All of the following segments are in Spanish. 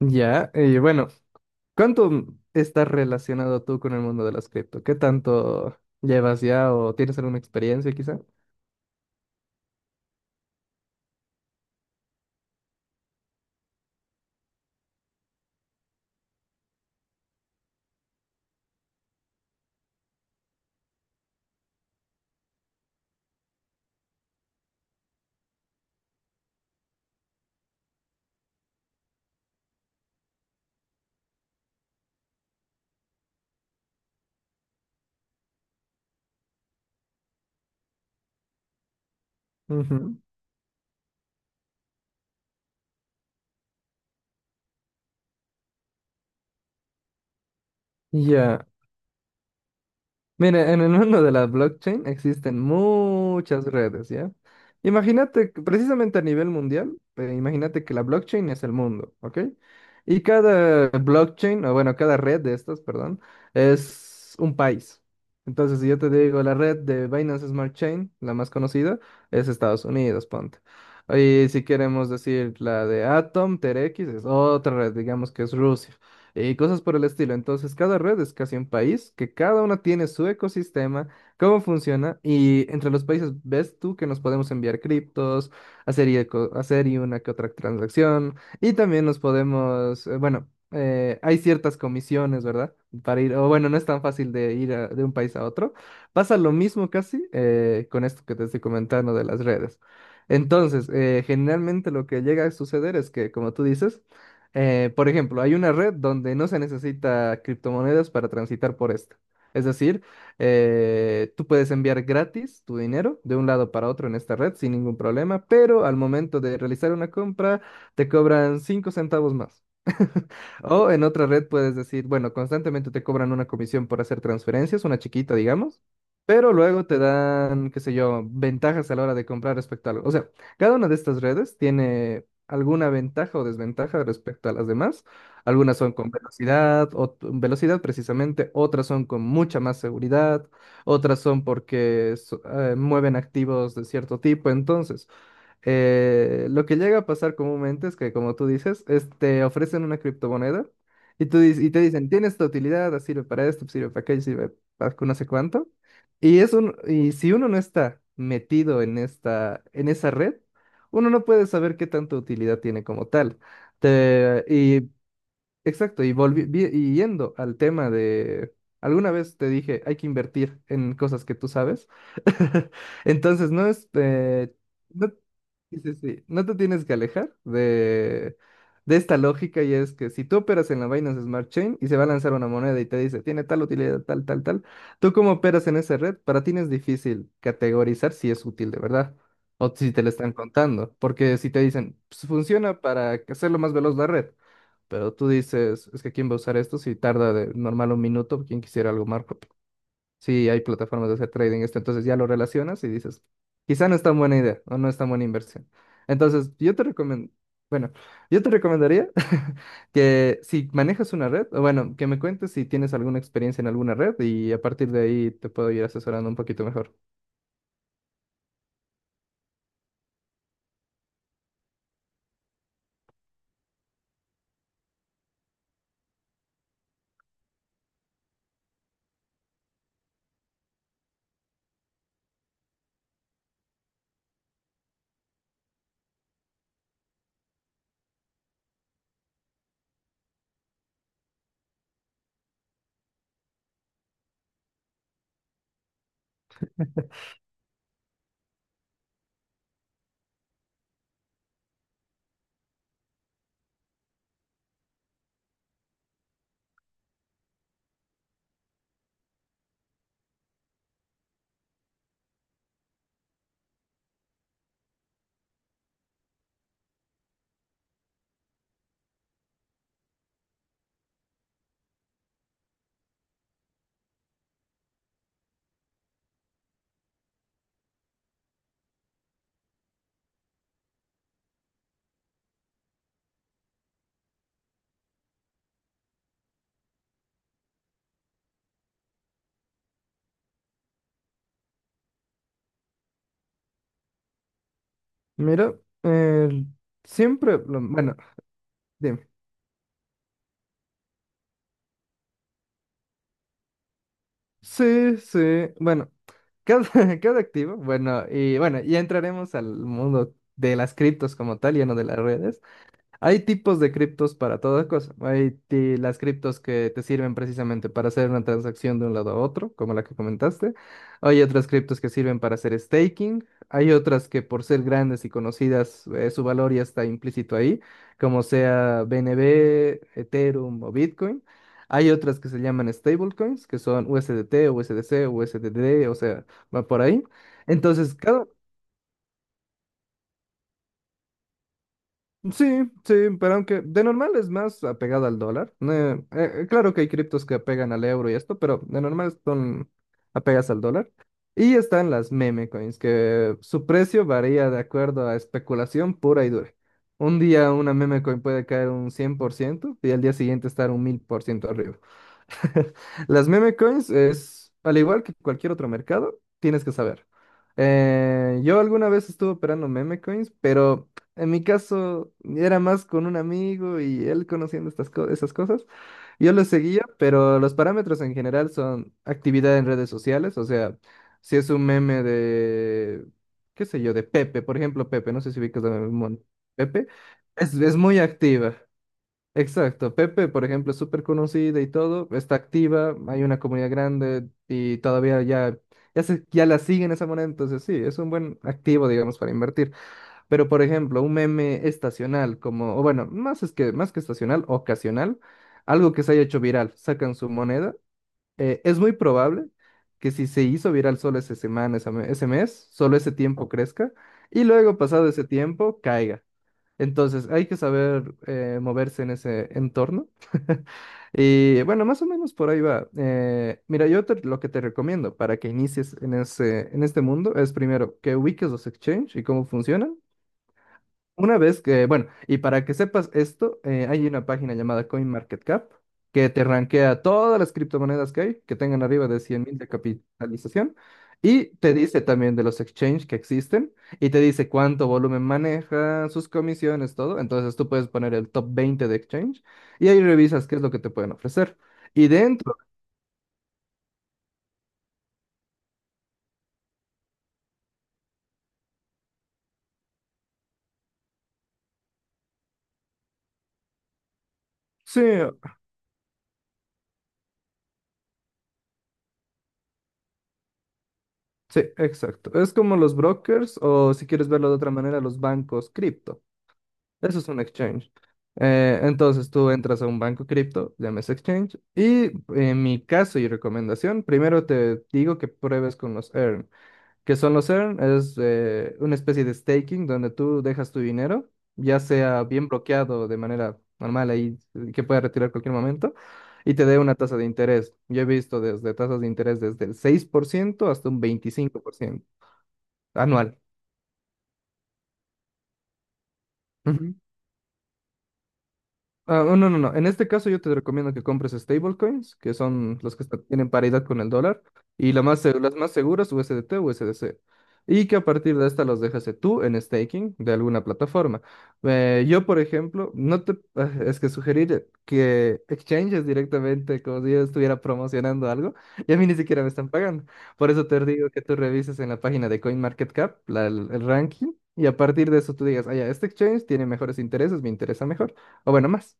Ya, y bueno, ¿cuánto estás relacionado tú con el mundo de las cripto? ¿Qué tanto llevas ya o tienes alguna experiencia quizá? Ujú. Ya. Mira, en el mundo de la blockchain existen muchas redes, ¿ya? Imagínate, que precisamente a nivel mundial, imagínate que la blockchain es el mundo, ¿ok? Y cada blockchain, o bueno, cada red de estas, perdón, es un país. Entonces, si yo te digo, la red de Binance Smart Chain, la más conocida, es Estados Unidos, ponte. Y si queremos decir la de Atom, Terex, es otra red, digamos que es Rusia y cosas por el estilo. Entonces, cada red es casi un país, que cada una tiene su ecosistema, cómo funciona, y entre los países ves tú que nos podemos enviar criptos, hacer y una que otra transacción, y también nos podemos, bueno, hay ciertas comisiones, ¿verdad? Para ir, o bueno, no es tan fácil de ir de un país a otro. Pasa lo mismo casi con esto que te estoy comentando de las redes. Entonces, generalmente lo que llega a suceder es que, como tú dices, por ejemplo, hay una red donde no se necesita criptomonedas para transitar por esta. Es decir, tú puedes enviar gratis tu dinero de un lado para otro en esta red sin ningún problema, pero al momento de realizar una compra te cobran 5 centavos más. O en otra red puedes decir, bueno, constantemente te cobran una comisión por hacer transferencias, una chiquita, digamos, pero luego te dan, qué sé yo, ventajas a la hora de comprar respecto a algo. O sea, cada una de estas redes tiene alguna ventaja o desventaja respecto a las demás. Algunas son con velocidad, o velocidad precisamente, otras son con mucha más seguridad, otras son porque mueven activos de cierto tipo. Entonces, lo que llega a pasar comúnmente es que, como tú dices, es- te ofrecen una criptomoneda y, y te dicen, tiene esta utilidad, sirve para esto, sirve para aquello, sirve para no sé cuánto. Y si uno no está metido en, en esa red, uno no puede saber qué tanta utilidad tiene como tal. Te- y Exacto, y, y yendo al tema de, alguna vez te dije, hay que invertir en cosas que tú sabes. Entonces, no es, no, sí, sí, sí, no te tienes que alejar de, esta lógica y es que si tú operas en la Binance Smart Chain y se va a lanzar una moneda y te dice, tiene tal utilidad, tal, tal, tal, tú como operas en esa red, para ti no es difícil categorizar si es útil de verdad. O si te la están contando, porque si te dicen, "Pues, funciona para hacerlo más veloz la red." Pero tú dices, es que quién va a usar esto si tarda de normal un minuto, quién quisiera algo más rápido. Sí, hay plataformas de hacer trading esto, entonces ya lo relacionas y dices, quizá no es tan buena idea o no es tan buena inversión. Entonces, yo te recomiendo, bueno, yo te recomendaría que si manejas una red, o bueno, que me cuentes si tienes alguna experiencia en alguna red y a partir de ahí te puedo ir asesorando un poquito mejor. Mira, eh, siempre, bueno, dime. Sí, sí. Bueno, cada, cada activo. Bueno, y bueno, ya entraremos al mundo de las criptos como tal, ya no de las redes. Hay tipos de criptos para toda cosa. Las criptos que te sirven precisamente para hacer una transacción de un lado a otro, como la que comentaste. Hay otras criptos que sirven para hacer staking. Hay otras que por ser grandes y conocidas, su valor ya está implícito ahí, como sea BNB, Ethereum o Bitcoin. Hay otras que se llaman stablecoins, que son USDT, USDC, USDD, o sea, va por ahí. Entonces, cada, sí, sí, pero aunque de normal es más apegada al dólar. Claro que hay criptos que apegan al euro y esto, pero de normal son apegas al dólar. Y están las meme coins, que su precio varía de acuerdo a especulación pura y dura. Un día una meme coin puede caer un 100% y al día siguiente estar un 1000% arriba. Las meme coins es, al igual que cualquier otro mercado, tienes que saber. Yo alguna vez estuve operando meme coins, pero en mi caso era más con un amigo y él conociendo estas esas cosas. Yo lo seguía, pero los parámetros en general son actividad en redes sociales, o sea, si es un meme de, qué sé yo, de Pepe, por ejemplo, Pepe, no sé si ubicas a Pepe, es muy activa. Exacto, Pepe, por ejemplo, es súper conocida y todo, está activa, hay una comunidad grande y todavía ya, ya, ya la siguen esa moneda, entonces sí, es un buen activo, digamos, para invertir. Pero, por ejemplo, un meme estacional, como, o bueno, más, es que, más que estacional, ocasional, algo que se haya hecho viral, sacan su moneda, es muy probable que si se hizo viral solo esa semana, esa ese mes, solo ese tiempo crezca y luego, pasado ese tiempo, caiga. Entonces, hay que saber moverse en ese entorno. Y bueno, más o menos por ahí va. Mira, lo que te recomiendo para que inicies en ese, en este mundo es primero que ubiques los exchange y cómo funcionan. Una vez que, bueno, y para que sepas esto, hay una página llamada CoinMarketCap que te rankea todas las criptomonedas que hay, que tengan arriba de 100.000 de capitalización, y te dice también de los exchanges que existen, y te dice cuánto volumen maneja, sus comisiones, todo. Entonces tú puedes poner el top 20 de exchange y ahí revisas qué es lo que te pueden ofrecer. Y dentro, sí, sí, exacto. Es como los brokers o si quieres verlo de otra manera, los bancos cripto. Eso es un exchange. Entonces tú entras a un banco cripto, llames exchange, y en mi caso y recomendación, primero te digo que pruebes con los earn. Que son los earn? Es una especie de staking donde tú dejas tu dinero, ya sea bien bloqueado de manera normal ahí, que pueda retirar cualquier momento, y te dé una tasa de interés. Yo he visto desde tasas de interés desde el 6% hasta un 25% anual. Ujú. Ah, no, no, no. En este caso yo te recomiendo que compres stablecoins, que son los que tienen paridad con el dólar, y la más, las más seguras, u s d USDT o USDC. Y que a partir de esta los dejas tú en staking de alguna plataforma. Yo, por ejemplo, no te... ah, es que sugerir que exchanges directamente como si yo estuviera promocionando algo, y a mí ni siquiera me están pagando. Por eso te digo que tú revises en la página de CoinMarketCap el ranking, y a partir de eso tú digas, ah, ya, este exchange tiene mejores intereses, me interesa mejor, o bueno, más.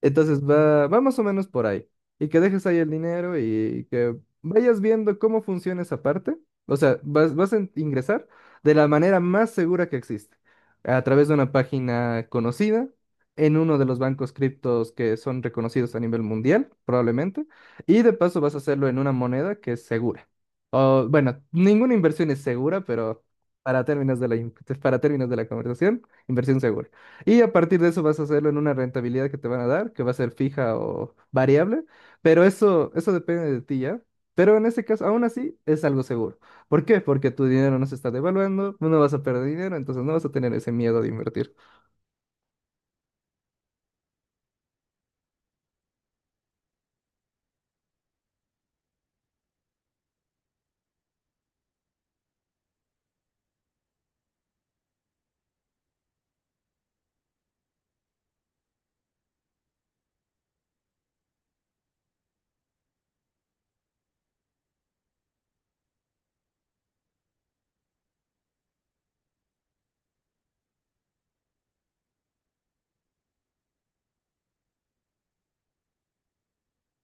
Entonces va más o menos por ahí. Y que dejes ahí el dinero y que vayas viendo cómo funciona esa parte. O sea, vas a ingresar de la manera más segura que existe, a través de una página conocida, en uno de los bancos criptos que son reconocidos a nivel mundial, probablemente, y de paso vas a hacerlo en una moneda que es segura. O, bueno, ninguna inversión es segura, pero para términos de la, in- para términos de la conversación, inversión segura. Y a partir de eso vas a hacerlo en una rentabilidad que te van a dar, que va a ser fija o variable, pero eso depende de ti ya. Pero en este caso, aún así, es algo seguro. ¿Por qué? Porque tu dinero no se está devaluando, no vas a perder dinero, entonces no vas a tener ese miedo de invertir.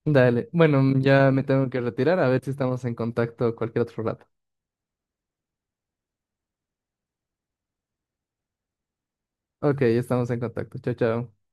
Dale, bueno, ya me tengo que retirar, a ver si estamos en contacto cualquier otro rato. Ok, estamos en contacto. Chao, chao.